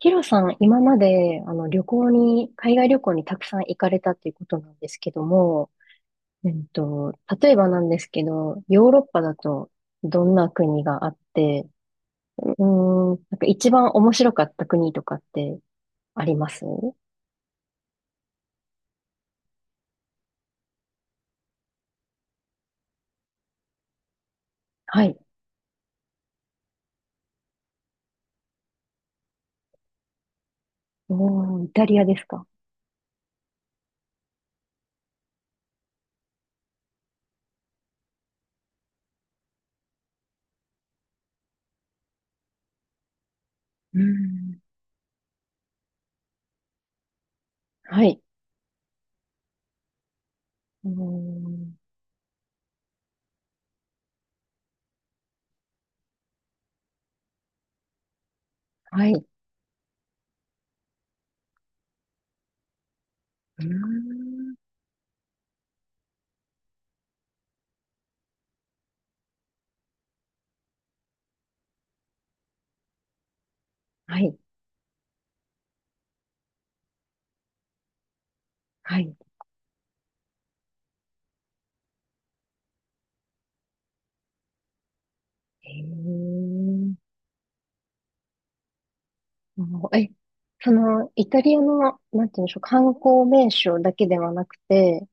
ヒロさん、今まで、旅行に、海外旅行にたくさん行かれたっていうことなんですけども、うんと、例えばなんですけど、ヨーロッパだとどんな国があって、なんか一番面白かった国とかってあります？はい。おー、イタリアですか。うーん、はい。うーん、はい。うーん、はい。はい。へー。もうその、イタリアの、なんていうんでしょう、観光名所だけではなくて、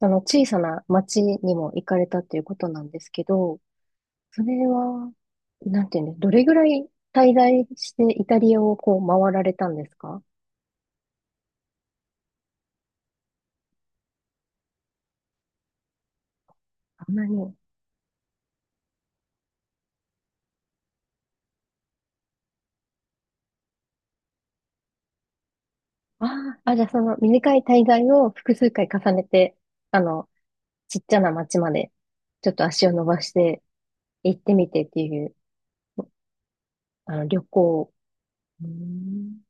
その小さな町にも行かれたっていうことなんですけど、それは、なんていうんです、どれぐらい滞在してイタリアをこう回られたんですか？あんなに。ああ、あ、じゃあその短い滞在を複数回重ねて、あの、ちっちゃな町まで、ちょっと足を伸ばして行ってみてっていう、旅行。うーん。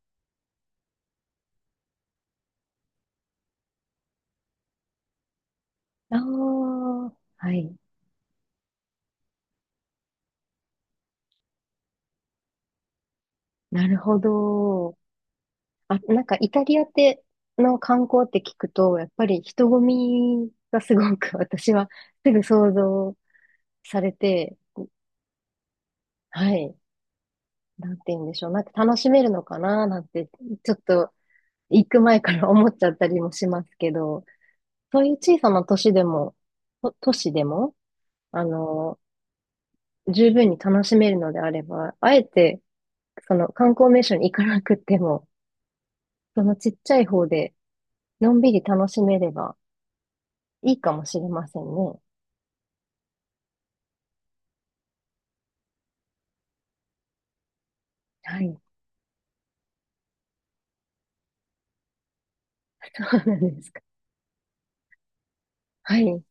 ああ、はい。なるほど。あ、なんかイタリアっての観光って聞くと、やっぱり人混みがすごく 私はすぐ想像されて、はい、なんて言うんでしょう。なんか楽しめるのかななんて、ちょっと行く前から思っちゃったりもしますけど、そういう小さな都市でも、と都市でも、あの、十分に楽しめるのであれば、あえて、その観光名所に行かなくても、そのちっちゃい方で、のんびり楽しめれば、いいかもしれませんね。はい。そうなんですか。はい。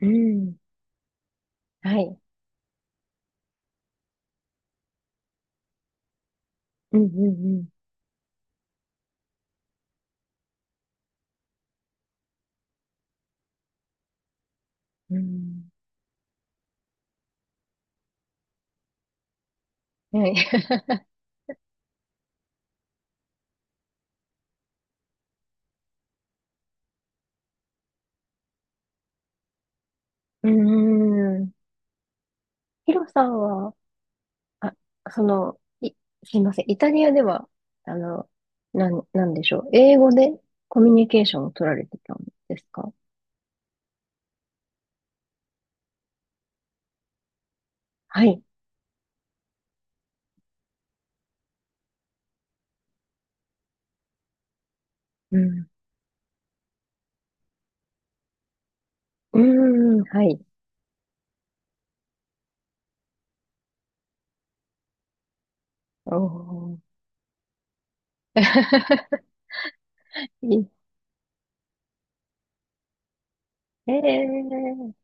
うん。はい。うんうんうん。うん。はい。うーん。ヒロさんは、あ、その、い、すいません。イタリアでは、あの、なんでしょう。英語でコミュニケーションを取られてたんですか。はい。うん。うーん。はい。おー。いい。ええ。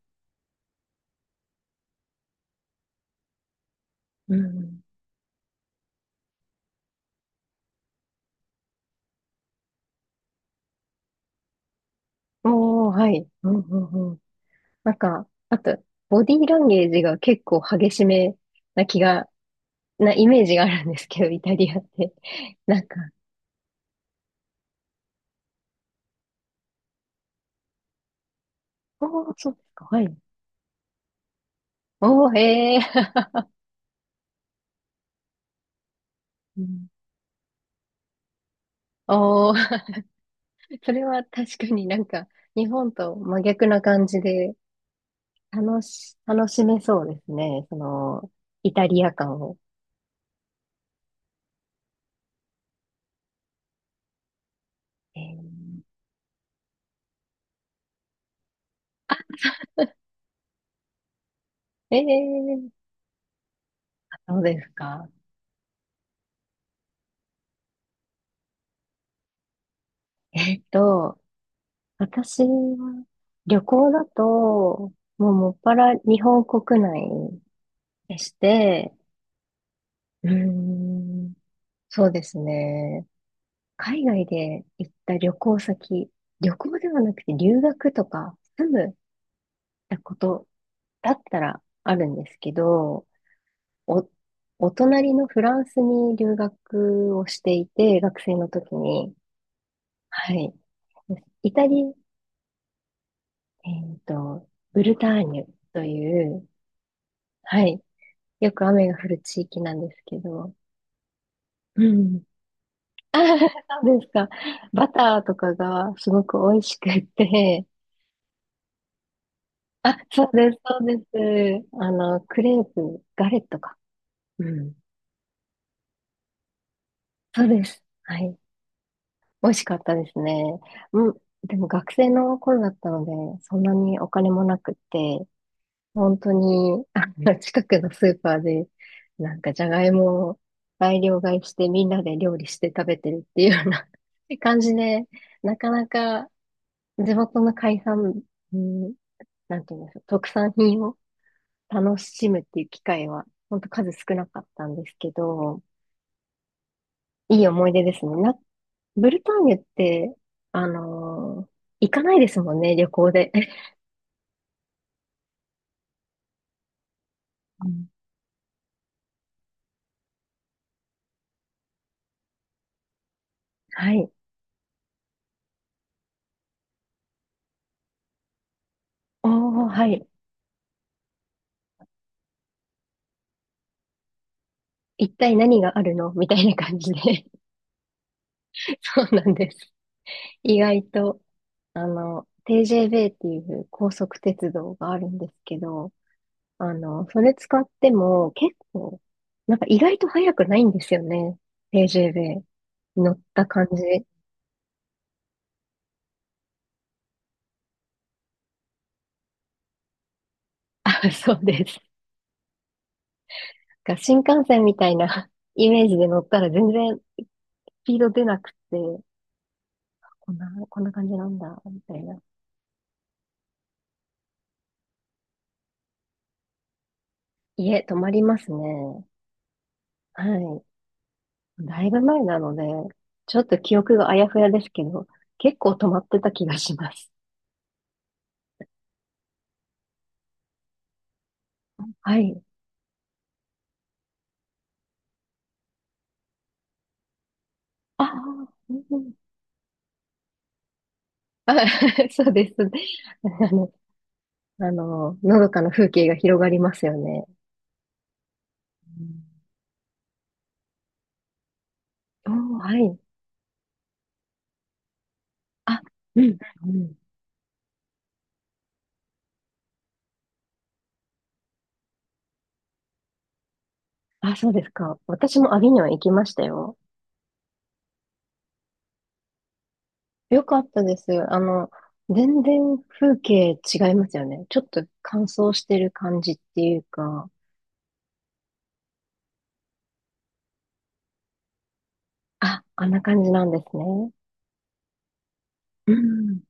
うん。おー、はい。うんうん。なんか、あと、ボディーランゲージが結構激しめな気が、なイメージがあるんですけど、イタリアって。なんか、おー、そうですか、はい。おー、へー。うん。おー。それは確かになんか、日本と真逆な感じで、楽しめそうですね。その、イタリア感を。えー、えー、そうですか。えっと、私は、旅行だと、もうもっぱら日本国内して、うーん、そうですね。海外で行った旅行ではなくて留学とか住むことだったらあるんですけど、お、お隣のフランスに留学をしていて、学生の時に、はい。イタリア、えっと、ブルターニュという、はい。よく雨が降る地域なんですけど、うん。あ、そうですか。バターとかがすごく美味しくって、あ、そうです、そうです。クレープ、ガレットか。うん。そうです。はい。美味しかったですね。うん。でも学生の頃だったので、そんなにお金もなくって、本当に、近くのスーパーで、なんかじゃがいもを大量買いしてみんなで料理して食べてるっていうような 感じで、なかなか地元の海産、うん、なんていうんですか、特産品を楽しむっていう機会は、ほんと数少なかったんですけど、いい思い出ですね。ブルターニュって、あのー行かないですもんね、旅行で。うん。はい。おー、はい。一体何があるのみたいな感じで。そうなんです。意外と、TJB っていう高速鉄道があるんですけど、それ使っても結構、なんか意外と速くないんですよね。TJB。乗った感じ。あ、そうです。が新幹線みたいな イメージで乗ったら全然スピード出なくて、こんな感じなんだ、みたいな。いえ、止まりますね。はい。だいぶ前なので、ちょっと記憶があやふやですけど、結構止まってた気がします。はい。ああ、うんうん。あ、そうです。あの、のどかな風景が広がりますよね。うん。おー、はい。あ、うん、うん。あ、そうですか。私もアビニョン行きましたよ。よかったです。全然風景違いますよね。ちょっと乾燥してる感じっていうか、あ、あんな感じなんですね。うん。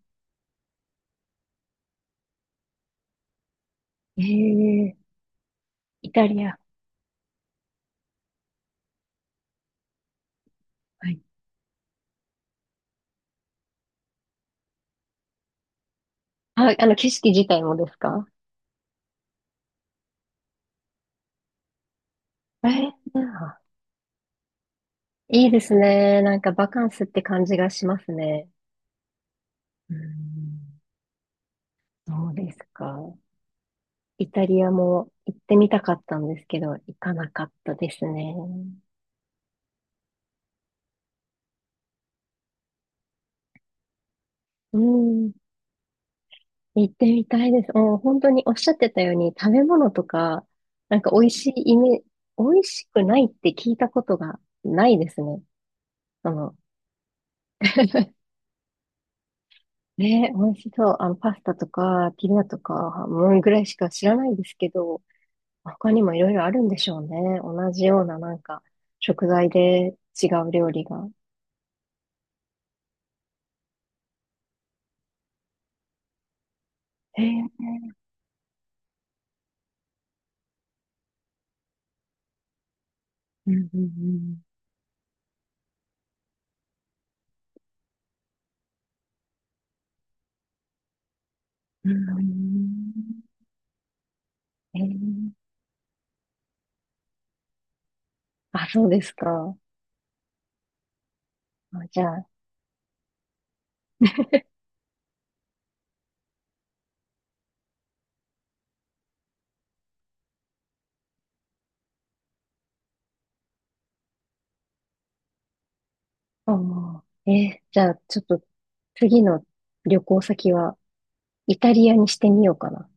ええ。イタリア。はい。あ、景色自体もですか？ええ。いいですね。なんかバカンスって感じがしますね。うん。そうですか。イタリアも行ってみたかったんですけど、行かなかったですね。うん。行ってみたいです。もう本当におっしゃってたように食べ物とか、なんか美味しくないって聞いたことがないですね。その、ね、美味しそう。パスタとか、ピザとか、もうぐらいしか知らないですけど、他にもいろいろあるんでしょうね。同じようななんか、食材で違う料理が。えー、うんうんうん。うんえー、あ、そうですか。あじゃあ、あ、もうじゃあ、ちょっと次の旅行先はイタリアにしてみようかな。